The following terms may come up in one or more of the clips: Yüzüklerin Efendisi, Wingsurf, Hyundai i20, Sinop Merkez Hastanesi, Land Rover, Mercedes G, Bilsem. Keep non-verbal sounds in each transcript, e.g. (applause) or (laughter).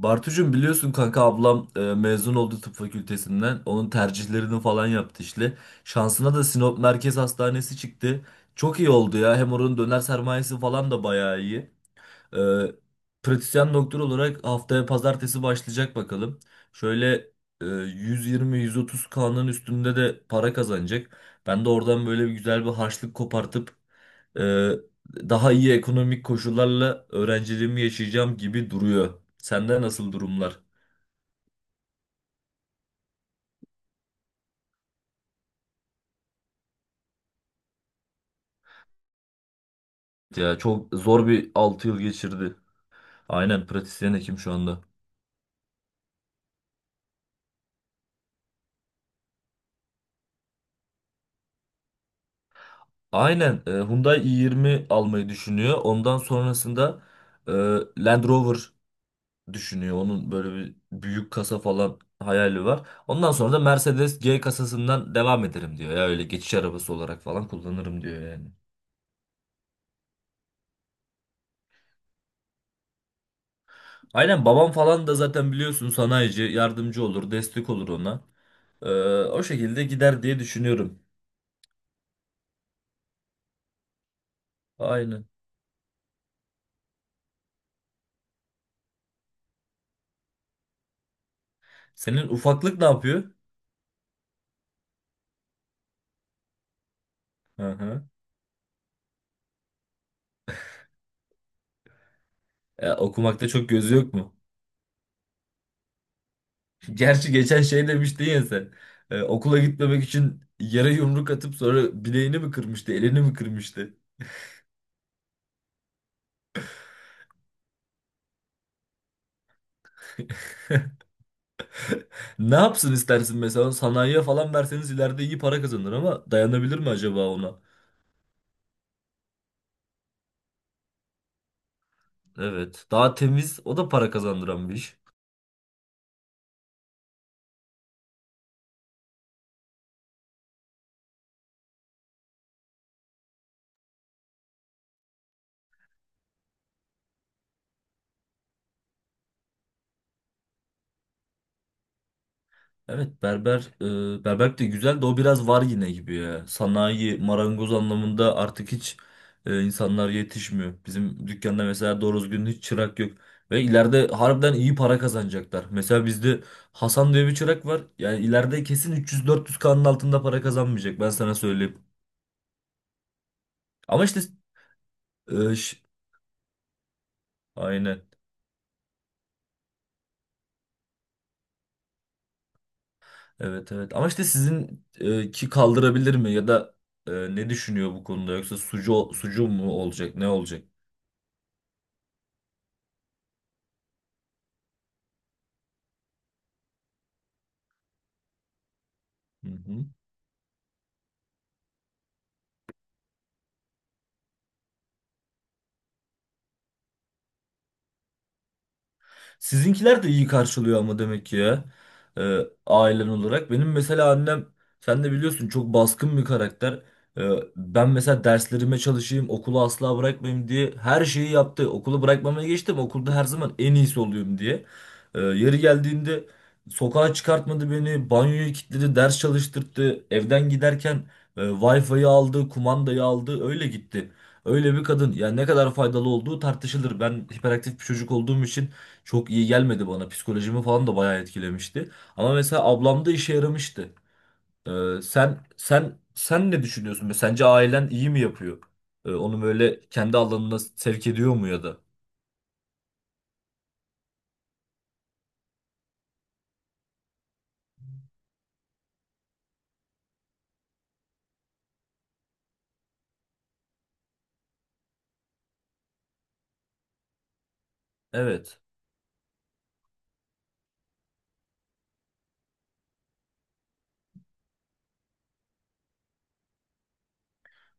Bartucuğum biliyorsun kanka ablam mezun oldu tıp fakültesinden. Onun tercihlerini falan yaptı işte. Şansına da Sinop Merkez Hastanesi çıktı. Çok iyi oldu ya. Hem oranın döner sermayesi falan da bayağı iyi. Ee, Pratisyen doktor olarak haftaya pazartesi başlayacak bakalım. Şöyle 120-130 kanın üstünde de para kazanacak. Ben de oradan böyle bir güzel bir harçlık kopartıp e, daha iyi ekonomik koşullarla öğrenciliğimi yaşayacağım gibi duruyor. Sende nasıl durumlar? Ya çok zor bir 6 yıl geçirdi. Aynen pratisyen hekim şu anda. Aynen Hyundai i20 almayı düşünüyor. Ondan sonrasında e, Land Rover düşünüyor. Onun böyle bir büyük kasa falan hayali var. Ondan sonra da Mercedes G kasasından devam ederim diyor. Ya öyle geçiş arabası olarak falan kullanırım diyor yani. Aynen babam falan da zaten biliyorsun sanayici, yardımcı olur, destek olur ona. Ee, O şekilde gider diye düşünüyorum. Aynen. Senin ufaklık ne yapıyor? Hı hı. Okumakta çok gözü yok mu? (laughs) Gerçi geçen şey demiştin ya sen. Okula gitmemek için yere yumruk atıp sonra bileğini mi kırmıştı, elini mi kırmıştı? (laughs) Ne yapsın istersin, mesela sanayiye falan verseniz ileride iyi para kazanır ama dayanabilir mi acaba ona? Evet. Daha temiz, o da para kazandıran bir iş. Evet, berberlik de güzel de o biraz var yine gibi ya. Sanayi marangoz anlamında artık hiç insanlar yetişmiyor. Bizim dükkanda mesela doğru düzgün hiç çırak yok. Ve ileride harbiden iyi para kazanacaklar. Mesela bizde Hasan diye bir çırak var. Yani ileride kesin 300-400K'nın altında para kazanmayacak, ben sana söyleyeyim. Ama işte e, ş- aynen. Evet, evet, ama işte sizin ki, kaldırabilir mi ya da ne düşünüyor bu konuda, yoksa sucu sucu mu olacak, ne olacak? Hı hı. Sizinkiler de iyi karşılıyor ama demek ki ya. Ee, Ailen olarak. Benim mesela annem, sen de biliyorsun, çok baskın bir karakter. Ee, Ben mesela derslerime çalışayım, okulu asla bırakmayayım diye her şeyi yaptı. Okulu bırakmamaya geçtim. Okulda her zaman en iyisi oluyorum diye. Yeri geldiğinde sokağa çıkartmadı beni, banyoyu kilitledi, ders çalıştırdı. Evden giderken Wi-Fi'yi aldı, kumandayı aldı, öyle gitti. Öyle bir kadın. Yani ne kadar faydalı olduğu tartışılır. Ben hiperaktif bir çocuk olduğum için çok iyi gelmedi bana. Psikolojimi falan da bayağı etkilemişti. Ama mesela ablamda işe yaramıştı. Sen ne düşünüyorsun? Sence ailen iyi mi yapıyor? Onu böyle kendi alanına sevk ediyor mu ya da? Evet.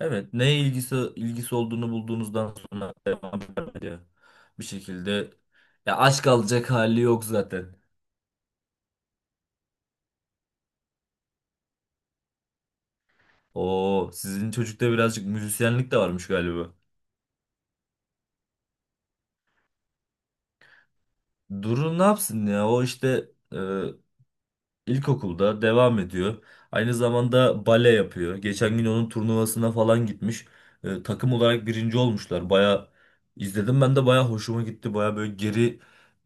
Evet. Neye ilgisi olduğunu bulduğunuzdan sonra devam ediyor. Bir şekilde ya, aşk alacak hali yok zaten. Oo, sizin çocukta birazcık müzisyenlik de varmış galiba. Durun ne yapsın ya? O işte e, İlkokulda devam ediyor. Aynı zamanda bale yapıyor. Geçen gün onun turnuvasına falan gitmiş. Takım olarak birinci olmuşlar. Baya izledim, ben de baya hoşuma gitti. Baya böyle geri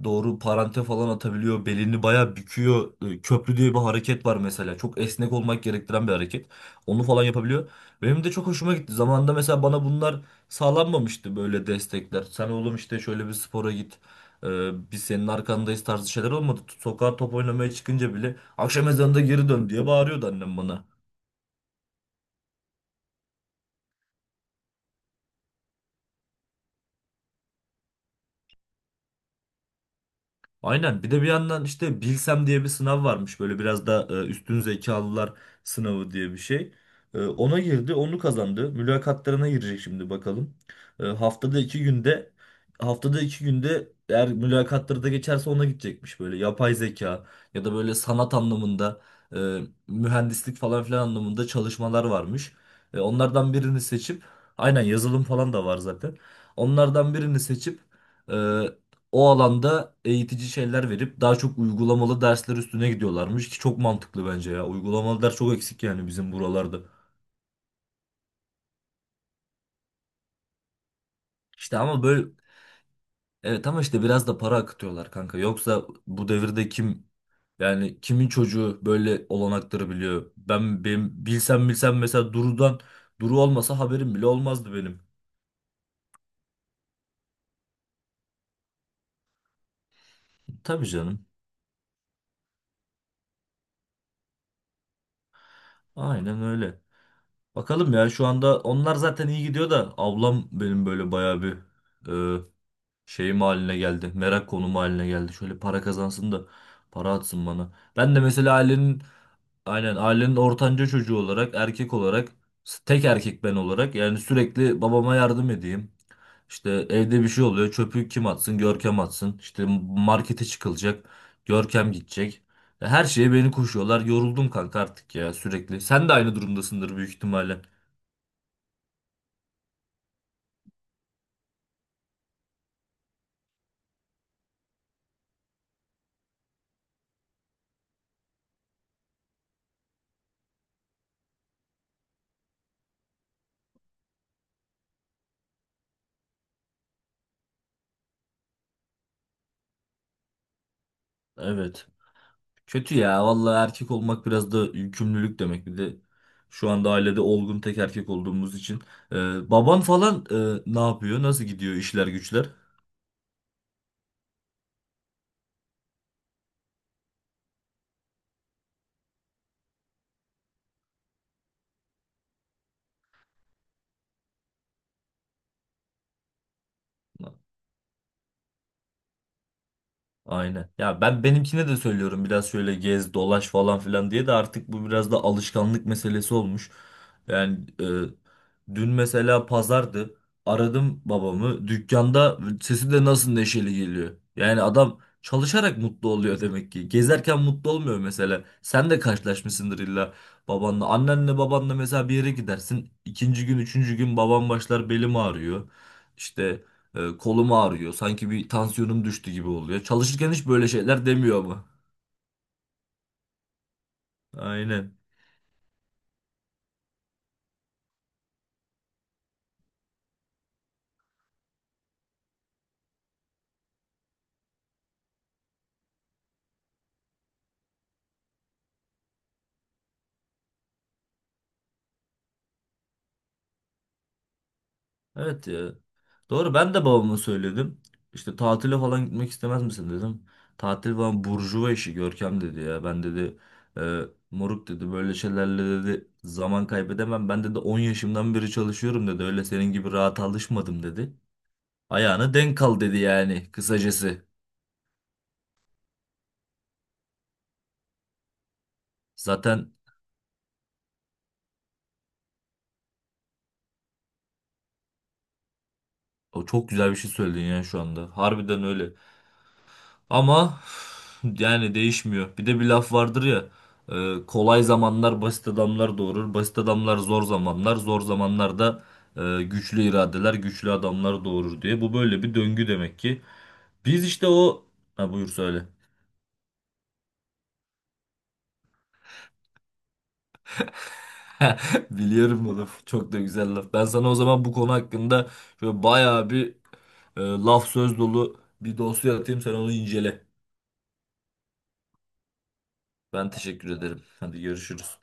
doğru parante falan atabiliyor. Belini baya büküyor. Köprü diye bir hareket var mesela. Çok esnek olmak gerektiren bir hareket. Onu falan yapabiliyor. Benim de çok hoşuma gitti. Zamanında mesela bana bunlar sağlanmamıştı, böyle destekler. Sen oğlum işte şöyle bir spora git. E, Biz senin arkandayız tarzı şeyler olmadı. Sokağa top oynamaya çıkınca bile akşam ezanında geri dön diye bağırıyordu annem bana. Aynen. Bir de bir yandan işte Bilsem diye bir sınav varmış. Böyle biraz da üstün zekalılar sınavı diye bir şey. Ona girdi, onu kazandı. Mülakatlarına girecek şimdi bakalım. E, haftada iki günde haftada iki günde eğer mülakatları da geçerse ona gidecekmiş, böyle yapay zeka ya da böyle sanat anlamında e, mühendislik falan filan anlamında çalışmalar varmış. Onlardan birini seçip aynen, yazılım falan da var zaten. Onlardan birini seçip e, o alanda eğitici şeyler verip daha çok uygulamalı dersler üstüne gidiyorlarmış, ki çok mantıklı bence ya. Uygulamalı ders çok eksik yani bizim buralarda. İşte ama böyle, evet, ama işte biraz da para akıtıyorlar kanka. Yoksa bu devirde kim, yani kimin çocuğu böyle olanakları biliyor? Ben benim Bilsem Bilsem mesela Duru'dan, Duru olmasa haberim bile olmazdı benim. Tabii canım. Aynen öyle. Bakalım ya, şu anda onlar zaten iyi gidiyor da ablam benim böyle bayağı bir şeyim haline geldi. Merak konumu haline geldi. Şöyle para kazansın da para atsın bana. Ben de mesela ailenin ortanca çocuğu olarak, erkek olarak, tek erkek ben olarak yani sürekli babama yardım edeyim. İşte evde bir şey oluyor. Çöpü kim atsın? Görkem atsın. İşte markete çıkılacak. Görkem gidecek. Her şeye beni koşuyorlar. Yoruldum kanka artık ya, sürekli. Sen de aynı durumdasındır büyük ihtimalle. Evet. Kötü ya. Vallahi erkek olmak biraz da yükümlülük demek. Bir de şu anda ailede olgun tek erkek olduğumuz için. Baban falan ne yapıyor? Nasıl gidiyor işler güçler? Aynen. Ya ben benimkine de söylüyorum, biraz şöyle gez dolaş falan filan diye, de artık bu biraz da alışkanlık meselesi olmuş. Yani dün mesela pazardı. Aradım babamı. Dükkanda sesi de nasıl neşeli geliyor. Yani adam çalışarak mutlu oluyor demek ki. Gezerken mutlu olmuyor mesela. Sen de karşılaşmışsındır illa babanla. Annenle babanla mesela bir yere gidersin. İkinci gün, üçüncü gün babam başlar, belim ağrıyor. İşte kolum ağrıyor. Sanki bir tansiyonum düştü gibi oluyor. Çalışırken hiç böyle şeyler demiyor ama. Aynen. Evet ya. Doğru, ben de babama söyledim. İşte tatile falan gitmek istemez misin dedim. Tatil falan burjuva işi Görkem dedi ya. Ben dedi e, moruk dedi, böyle şeylerle dedi zaman kaybedemem. Ben dedi 10 yaşımdan beri çalışıyorum dedi. Öyle senin gibi rahat alışmadım dedi. Ayağına denk kal dedi, yani kısacası. Zaten o çok güzel bir şey söyledin ya şu anda. Harbiden öyle. Ama yani değişmiyor. Bir de bir laf vardır ya. Kolay zamanlar basit adamlar doğurur. Basit adamlar zor zamanlar. Zor zamanlar da güçlü iradeler, güçlü adamlar doğurur diye. Bu böyle bir döngü demek ki. Biz işte o... Ha, buyur söyle. (laughs) Biliyorum bu laf. Çok da güzel laf. Ben sana o zaman bu konu hakkında şöyle bayağı bir laf söz dolu bir dosya atayım. Sen onu incele. Ben teşekkür ederim. Hadi görüşürüz.